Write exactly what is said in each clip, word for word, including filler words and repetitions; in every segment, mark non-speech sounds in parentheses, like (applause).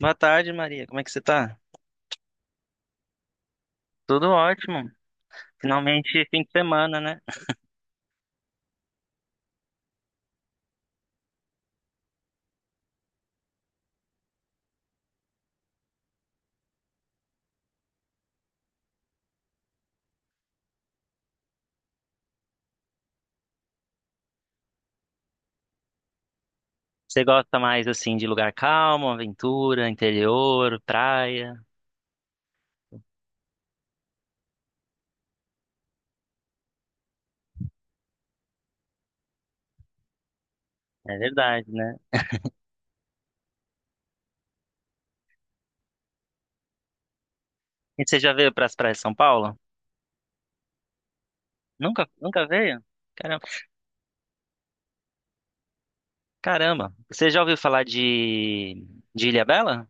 Boa tarde, Maria. Como é que você tá? Tudo ótimo. Finalmente, fim de semana, né? Você gosta mais, assim, de lugar calmo, aventura, interior, praia? É verdade, né? E você já veio para as praias de São Paulo? Nunca, nunca veio? Caramba. Caramba. Você já ouviu falar de, de Ilhabela?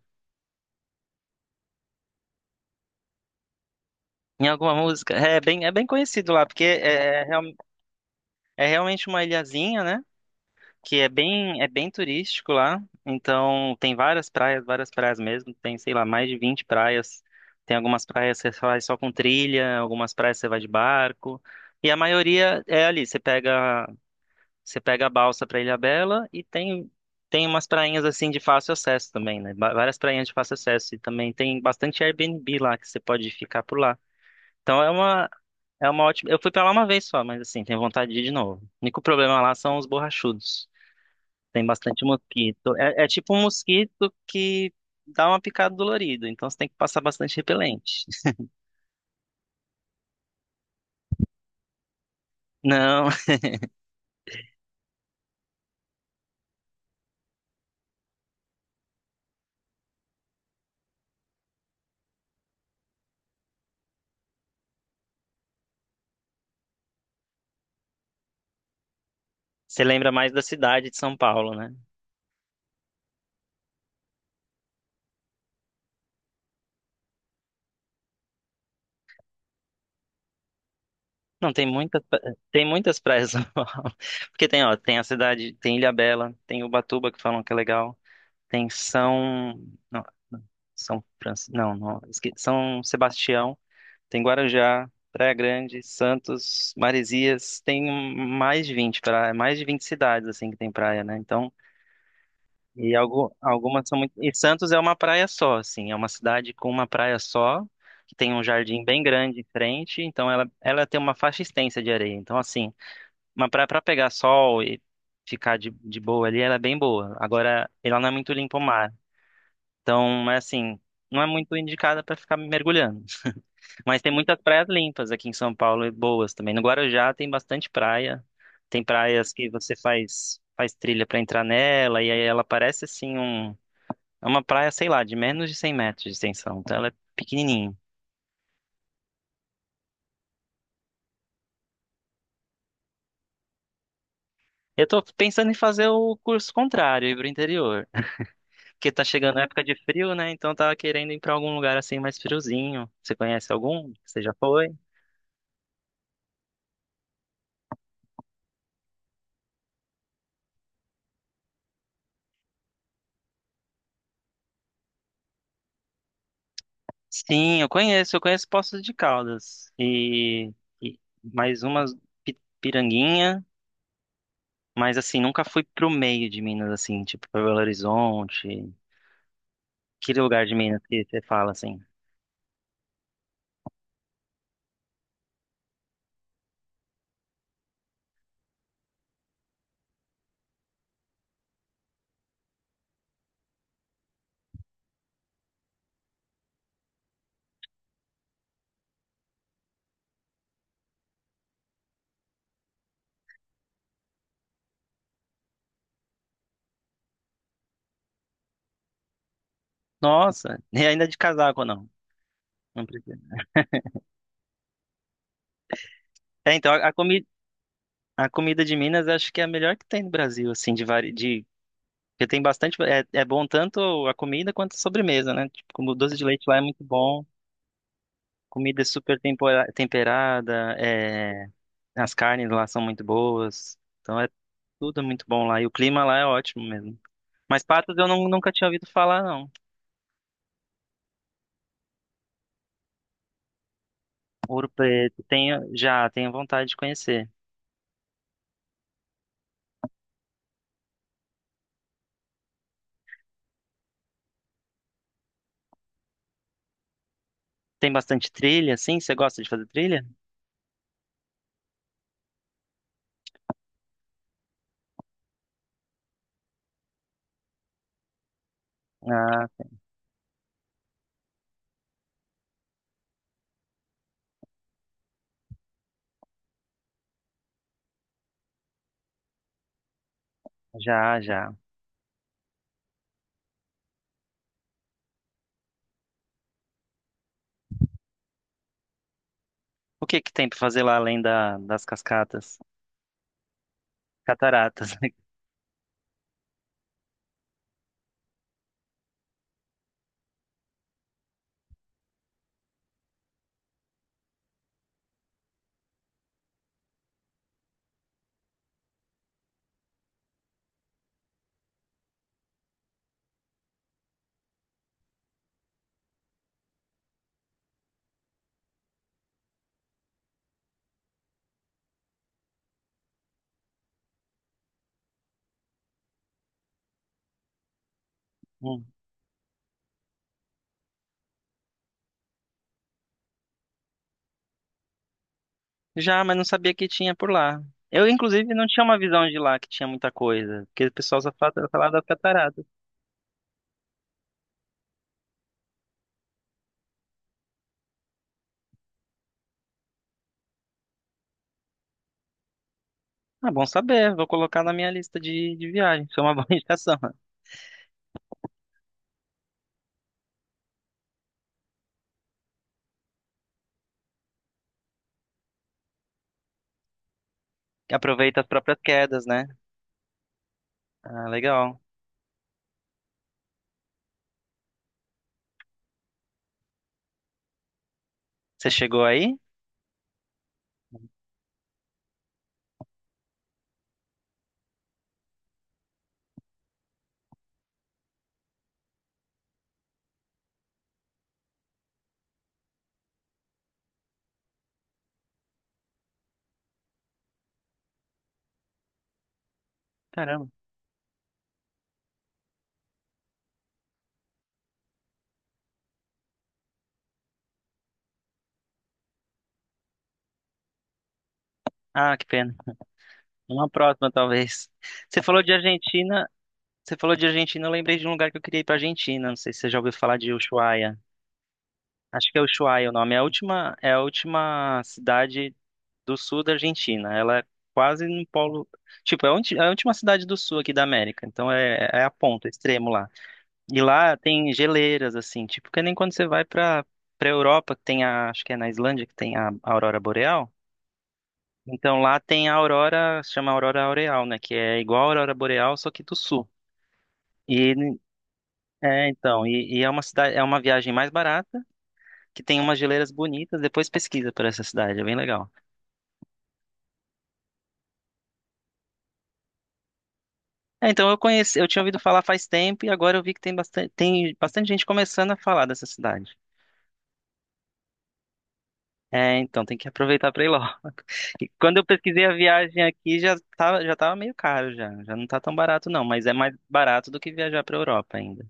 Em alguma música? É bem, é bem conhecido lá, porque é, é real- é realmente uma ilhazinha, né, que é bem, é bem turístico lá. Então tem várias praias, várias praias mesmo. Tem, sei lá, mais de vinte praias. Tem algumas praias que você vai só com trilha, algumas praias você vai de barco. E a maioria é ali, você pega, você pega a balsa para Ilhabela e tem tem umas prainhas assim de fácil acesso também, né? Ba- Várias prainhas de fácil acesso e também tem bastante Airbnb lá que você pode ficar por lá. Então é uma é uma ótima. Eu fui pra lá uma vez só, mas assim, tenho vontade de ir de novo. O único problema lá são os borrachudos. Tem bastante mosquito. É, é tipo um mosquito que dá uma picada dolorida, então você tem que passar bastante repelente. Não, (laughs) você lembra mais da cidade de São Paulo, né? Não, tem muita, tem muitas praias de São Paulo. (laughs) Porque tem, ó, tem a cidade, tem Ilhabela, tem Ubatuba que falam que é legal, tem São, não, São Francisco, não, não, esque- São Sebastião, tem Guarujá, Praia Grande, Santos, Maresias, tem mais de vinte praias, mais de vinte cidades assim que tem praia, né? Então. E algu- algumas são muito. E Santos é uma praia só, assim, é uma cidade com uma praia só, que tem um jardim bem grande em frente, então ela, ela tem uma faixa extensa de areia. Então, assim, uma praia para pegar sol e ficar de, de boa ali, ela é bem boa. Agora, ela não é muito limpa o mar. Então, é assim, não é muito indicada para ficar mergulhando. (laughs) Mas tem muitas praias limpas aqui em São Paulo e boas também. No Guarujá tem bastante praia. Tem praias que você faz, faz trilha para entrar nela, e aí ela parece assim um é uma praia, sei lá, de menos de cem metros de extensão, então ela é pequenininha. Eu tô pensando em fazer o curso contrário, ir pro interior, (laughs) porque tá chegando a época de frio, né? Então eu tava querendo ir pra algum lugar assim mais friozinho. Você conhece algum? Você já foi? Sim, eu conheço, eu conheço Poços de Caldas e, e mais umas pi- Piranguinha, mas assim, nunca fui pro meio de Minas, assim, tipo pra Belo Horizonte, aquele lugar de Minas que você fala assim, nossa, (laughs) e ainda de casaco não, não precisa. É, então a, comida a comida de Minas acho que é a melhor que tem no Brasil, assim, de vari... de porque tem bastante, é, é bom tanto a comida quanto a sobremesa, né? Tipo, como o doce de leite lá é muito bom, comida é super tempora- temperada, é, as carnes lá são muito boas, então é tudo muito bom lá e o clima lá é ótimo mesmo. Mas Patos eu não- nunca tinha ouvido falar, não. Ouro Preto, tenho, já tenho vontade de conhecer. Tem bastante trilha, sim? Você gosta de fazer trilha? Ah, já, já. O que que tem para fazer lá além da- das cascatas? Cataratas. (laughs) Hum. Já, mas não sabia que tinha por lá. Eu, inclusive, não tinha uma visão de lá que tinha muita coisa, porque o pessoal só fala, fala das cataratas. Ah, bom saber, vou colocar na minha lista de, de viagem. (laughs) Isso é uma (laughs) boa indicação. Aproveita as próprias quedas, né? Ah, legal. Você chegou aí? Caramba. Ah, que pena. Uma próxima, talvez. Você falou de Argentina, você falou de Argentina, eu lembrei de um lugar que eu queria ir pra Argentina. Não sei se você já ouviu falar de Ushuaia. Acho que é Ushuaia o nome. É a última, é a última cidade do sul da Argentina. Ela é quase no polo. Tipo, é a ulti- é a última cidade do sul aqui da América. Então é, é a ponta, extremo lá. E lá tem geleiras, assim, tipo, que nem quando você vai pra, pra Europa, que tem a. Acho que é na Islândia que tem a, a aurora boreal. Então lá tem a aurora, se chama aurora aureal, né? Que é igual a aurora boreal, só que do sul. E é, então, e, e é uma cidade, é uma viagem mais barata, que tem umas geleiras bonitas. Depois pesquisa por essa cidade, é bem legal. É, então eu conheci, eu tinha ouvido falar faz tempo e agora eu vi que tem bastante, tem bastante gente começando a falar dessa cidade. É, então tem que aproveitar para ir logo. (laughs) E quando eu pesquisei a viagem aqui já tava, já tava meio caro já, já não tá tão barato não, mas é mais barato do que viajar para Europa ainda.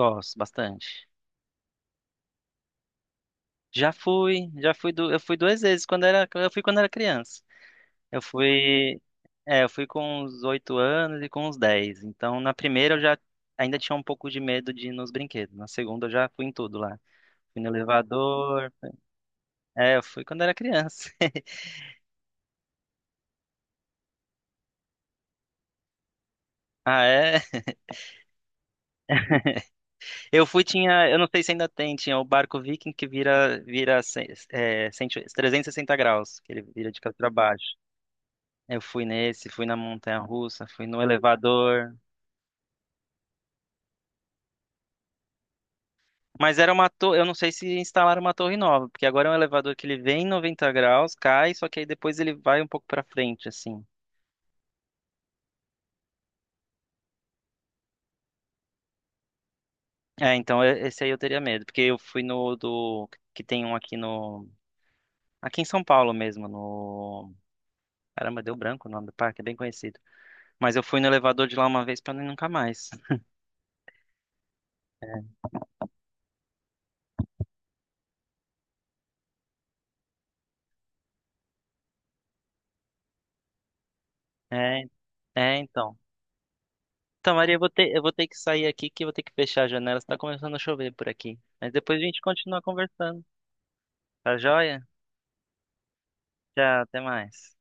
Gosto bastante. Já fui, já fui du- eu fui duas vezes, quando era, eu fui quando era criança. Eu fui, é, eu fui com uns oito anos e com uns dez. Então, na primeira eu já ainda tinha um pouco de medo de ir nos brinquedos. Na segunda eu já fui em tudo lá. Fui no elevador. É, eu fui quando era criança. (laughs) Ah, é. Eu fui, tinha, eu não sei se ainda tem, tinha o barco Viking que vira, vira ce- é, cento- 360 graus, que ele vira de cabeça para baixo. Eu fui nesse, fui na montanha-russa, fui no elevador. Mas era uma torre, eu não sei se instalaram uma torre nova, porque agora é um elevador que ele vem em 90 graus, cai, só que aí depois ele vai um pouco pra frente, assim. É, então e- esse aí eu teria medo, porque eu fui no do que tem um aqui no aqui em São Paulo mesmo, no Caramba, deu branco o nome do parque, é bem conhecido. Mas eu fui no elevador de lá uma vez pra não ir nunca mais. É, é, é, então. Então, Maria, eu vou ter, eu vou ter que sair aqui que eu vou ter que fechar a janela, está começando a chover por aqui. Mas depois a gente continua conversando. Tá joia? Tchau, até mais.